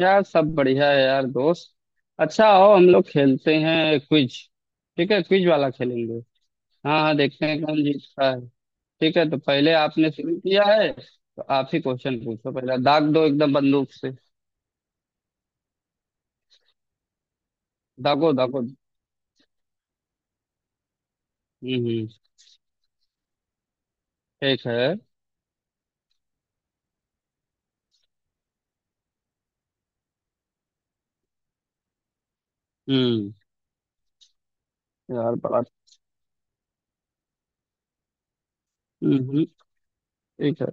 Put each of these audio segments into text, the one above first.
यार सब बढ़िया है यार दोस्त। अच्छा आओ हम लोग खेलते हैं क्विज। ठीक है क्विज वाला खेलेंगे। हाँ हाँ देखते हैं कौन जीतता है। ठीक है तो पहले आपने शुरू किया है तो आप ही क्वेश्चन पूछो, पहला दाग दो एकदम बंदूक से। दागो दागो। हम्म। ठीक है। हम्म। यार बड़ा। हम्म। ठीक है।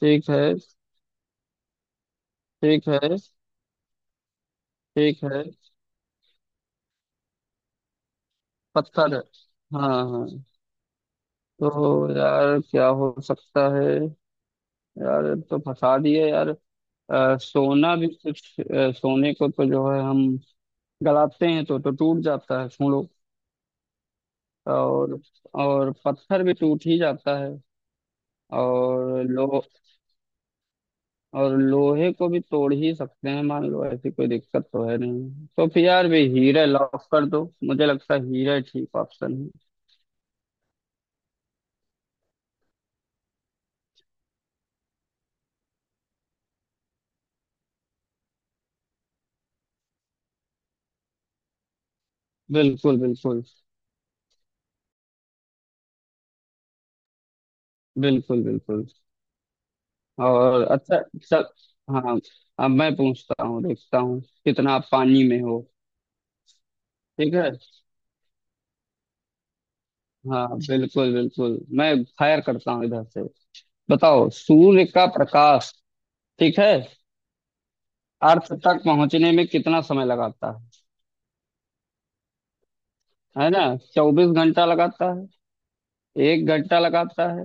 ठीक है ठीक है ठीक है। पत्थर है। हाँ हाँ। तो यार क्या हो सकता है। यार ये तो फंसा दिए यार। सोना भी कुछ, सोने को तो जो है हम गलाते हैं तो टूट जाता है, सुनो। और और पत्थर भी टूट ही जाता है। और लो और लोहे को भी तोड़ ही सकते हैं, मान लो ऐसी कोई दिक्कत तो है नहीं, तो फिर यार भी हीरा लॉक कर दो, मुझे लगता है हीरा ठीक ऑप्शन है। बिल्कुल बिल्कुल। बिल्कुल बिल्कुल। और अच्छा। चल। हाँ। अब मैं पूछता हूँ, देखता हूँ कितना आप पानी में हो। ठीक है। हाँ बिल्कुल बिल्कुल, मैं फायर करता हूँ इधर से। बताओ, सूर्य का प्रकाश। ठीक है। अर्थ तक पहुंचने में कितना समय लगाता है ना? 24 घंटा लगाता है? 1 घंटा लगाता है?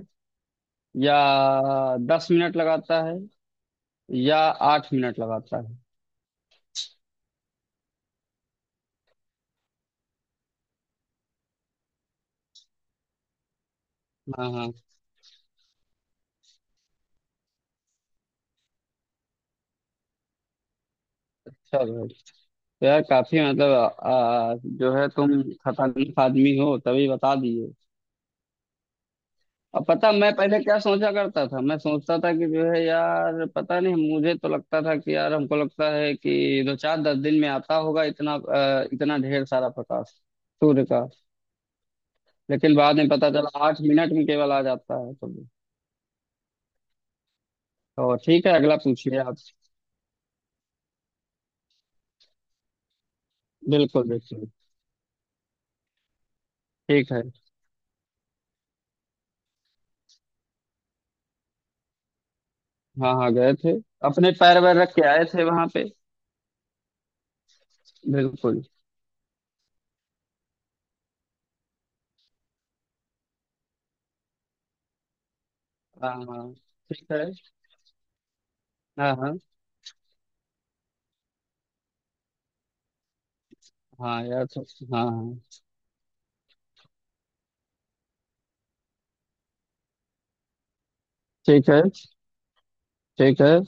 या 10 मिनट लगाता है? या 8 मिनट लगाता है? हाँ हाँ। चलो। तो यार, काफी मतलब, जो है, तुम खतरनाक आदमी हो, तभी बता दिए। अब पता मैं पहले क्या सोचा करता था, मैं सोचता था कि जो है, यार पता नहीं, मुझे तो लगता था कि यार, हमको लगता है कि दो चार दस दिन में आता होगा इतना, इतना ढेर सारा प्रकाश सूर्य का। लेकिन बाद में पता चला 8 मिनट में केवल आ जाता है तो। तो ठीक है, अगला पूछिए आप। बिल्कुल बिल्कुल। ठीक है। हाँ हाँ गए थे। अपने पैर वैर रख के आए थे वहां पे। बिल्कुल। हाँ हाँ ठीक है। हाँ हाँ। हाँ यार। हाँ हाँ। ठीक है ठीक है।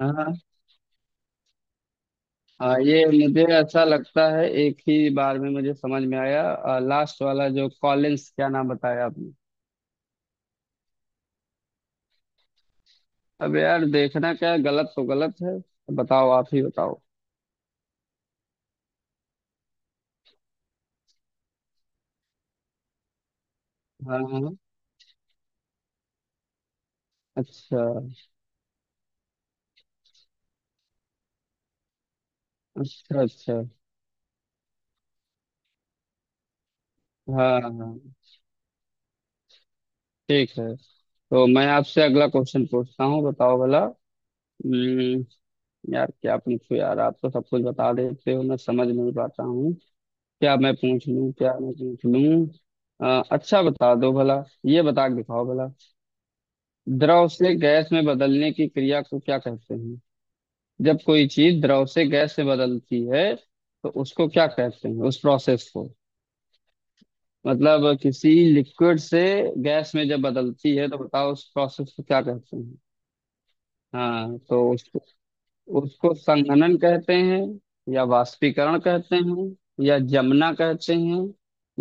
हाँ हाँ। हाँ ये मुझे अच्छा लगता है, एक ही बार में मुझे समझ में आया, लास्ट वाला जो कॉलिंस, क्या नाम बताया आपने? अब यार देखना क्या है, गलत तो गलत है। बताओ, आप ही बताओ। हाँ हाँ हाँ। अच्छा अच्छा अच्छा। हाँ हाँ हाँ। ठीक है, तो मैं आपसे अगला क्वेश्चन पूछता हूँ, बताओ भला। हम्म। यार क्या पूछूं, यार आप तो सब कुछ बता देते हो, मैं समझ नहीं पाता हूँ। क्या मैं पूछ लूँ, क्या मैं पूछ लूँ। अच्छा बता दो भला, ये बता के दिखाओ भला। द्रव से गैस में बदलने की क्रिया को क्या कहते हैं? जब कोई चीज द्रव से गैस में बदलती है, तो उसको क्या कहते हैं उस प्रोसेस को? मतलब किसी लिक्विड से गैस में जब बदलती है, तो बताओ उस प्रोसेस को क्या कहते हैं? हाँ तो उसको, संघनन कहते हैं, या वाष्पीकरण कहते हैं, या जमना कहते हैं,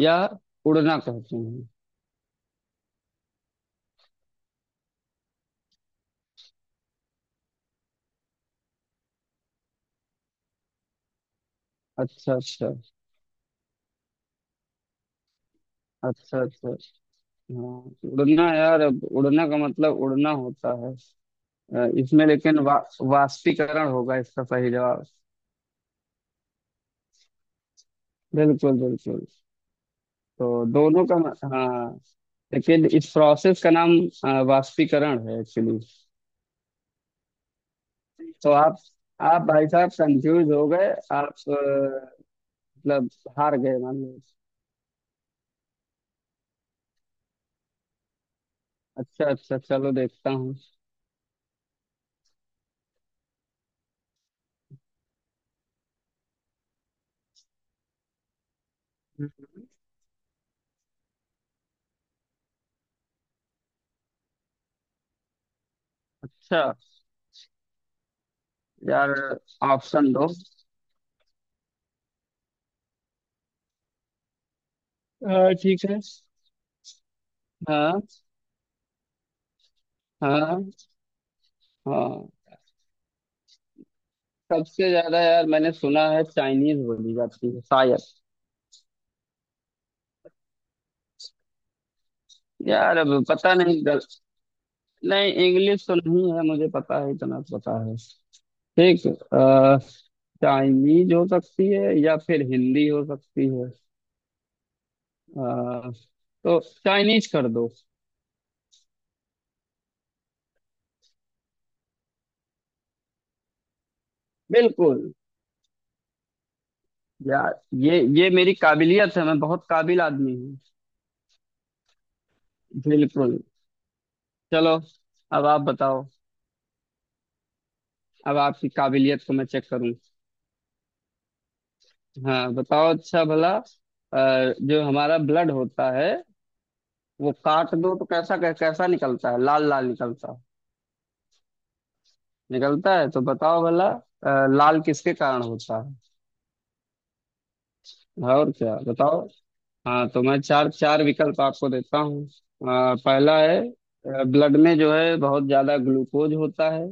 या उड़ना कहते हैं? अच्छा अच्छा अच्छा अच्छा। हाँ उड़ना, यार अब उड़ना का मतलब उड़ना होता है। इसमें लेकिन, वाष्पीकरण होगा इसका सही जवाब। बिल्कुल बिल्कुल। तो दोनों का। हाँ। लेकिन इस प्रोसेस का नाम वाष्पीकरण है एक्चुअली। तो आप, भाई साहब कंफ्यूज हो गए। आप, मतलब, हार गए मान लो। अच्छा अच्छा, चलो देखता हूँ। अच्छा। यार ऑप्शन दो। ठीक है। हाँ हाँ। हाँ सबसे ज्यादा, यार मैंने सुना है चाइनीज बोली जाती है शायद। यार अब पता नहीं, नहीं, इंग्लिश तो नहीं है, मुझे पता है, इतना तो पता है। ठीक। अ, चाइनीज हो सकती है या फिर हिंदी हो सकती है। अ, तो चाइनीज कर दो। बिल्कुल। यार ये मेरी काबिलियत है, मैं बहुत काबिल आदमी हूँ। बिल्कुल। चलो। अब आप बताओ। अब आपकी काबिलियत को मैं चेक करूँ। हाँ बताओ, अच्छा भला, जो हमारा ब्लड होता है, वो काट दो तो कैसा कैसा निकलता है, लाल लाल निकलता है, निकलता है, तो बताओ भला लाल किसके कारण होता है। और क्या बताओ। हाँ तो मैं चार चार विकल्प आपको देता हूँ, पहला है ब्लड में जो है बहुत ज्यादा ग्लूकोज होता है।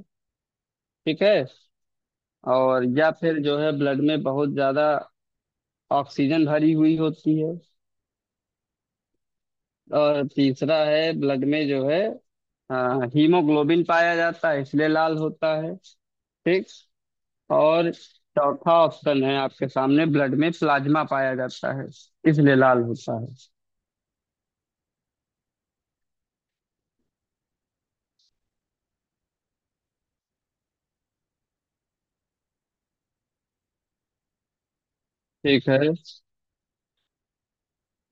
ठीक है। और या फिर जो है ब्लड में बहुत ज्यादा ऑक्सीजन भरी हुई होती है। और तीसरा है ब्लड में जो है अ, हीमोग्लोबिन पाया जाता है इसलिए लाल होता है। ठीक। और चौथा ऑप्शन है आपके सामने, ब्लड में प्लाज्मा पाया जाता है इसलिए लाल होता है। ठीक है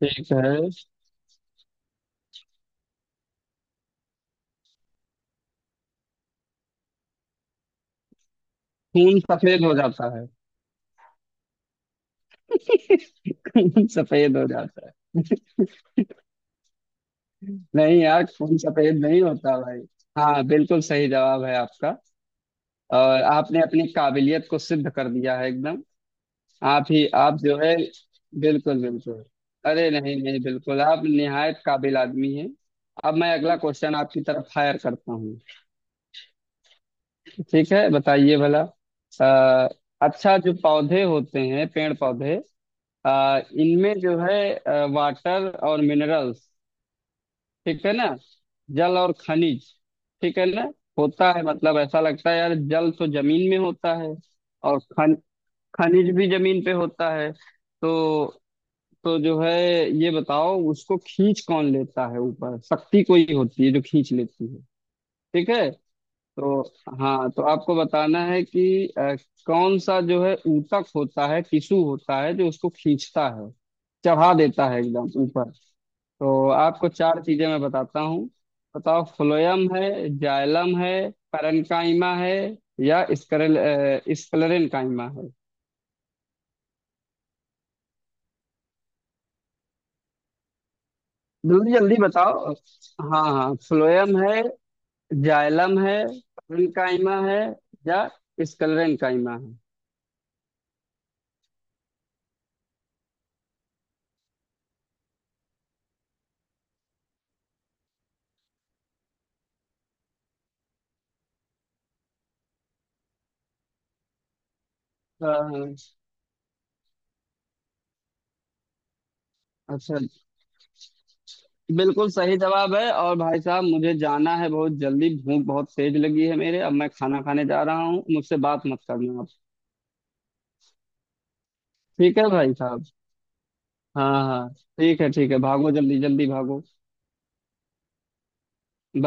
ठीक है। खून सफेद हो जाता है। खून सफेद हो जाता है। नहीं यार, खून सफेद नहीं होता भाई। हाँ, बिल्कुल सही जवाब है आपका। और आपने अपनी काबिलियत को सिद्ध कर दिया है एकदम। आप ही आप, जो है। बिल्कुल बिल्कुल। अरे नहीं नहीं, बिल्कुल आप निहायत काबिल आदमी हैं। अब मैं अगला क्वेश्चन आपकी तरफ फायर करता हूँ। ठीक है, बताइए भला। आ, अच्छा, जो पौधे होते हैं, पेड़ पौधे, इनमें जो है वाटर और मिनरल्स, ठीक है ना, जल और खनिज, ठीक है ना, होता है। मतलब ऐसा लगता है यार, जल तो जमीन में होता है, और खन खनिज भी जमीन पे होता है, तो जो है, ये बताओ, उसको खींच कौन लेता है ऊपर, शक्ति कोई होती है जो खींच लेती है। ठीक है। तो हाँ, तो आपको बताना है कि कौन सा जो है ऊतक होता है, टिश्यू होता है, जो उसको खींचता है, चढ़ा देता है एकदम ऊपर। तो आपको चार चीजें मैं बताता हूँ। बताओ, फ्लोयम है, जाइलम है, पैरेन्काइमा है, या स्क्लेरेन्काइमा है? जल्दी जल्दी बताओ। हाँ हाँ, फ्लोयम है, जाइलम है, पैरेन्काइमा है, या स्क्लेरेन्काइमा है। अ, अच्छा, बिल्कुल सही जवाब है। और भाई साहब, मुझे जाना है बहुत जल्दी, भूख बहुत तेज लगी है मेरे, अब मैं खाना खाने जा रहा हूँ, मुझसे बात मत करना आप। ठीक है भाई साहब। हाँ हाँ। ठीक है ठीक है, भागो जल्दी जल्दी, भागो।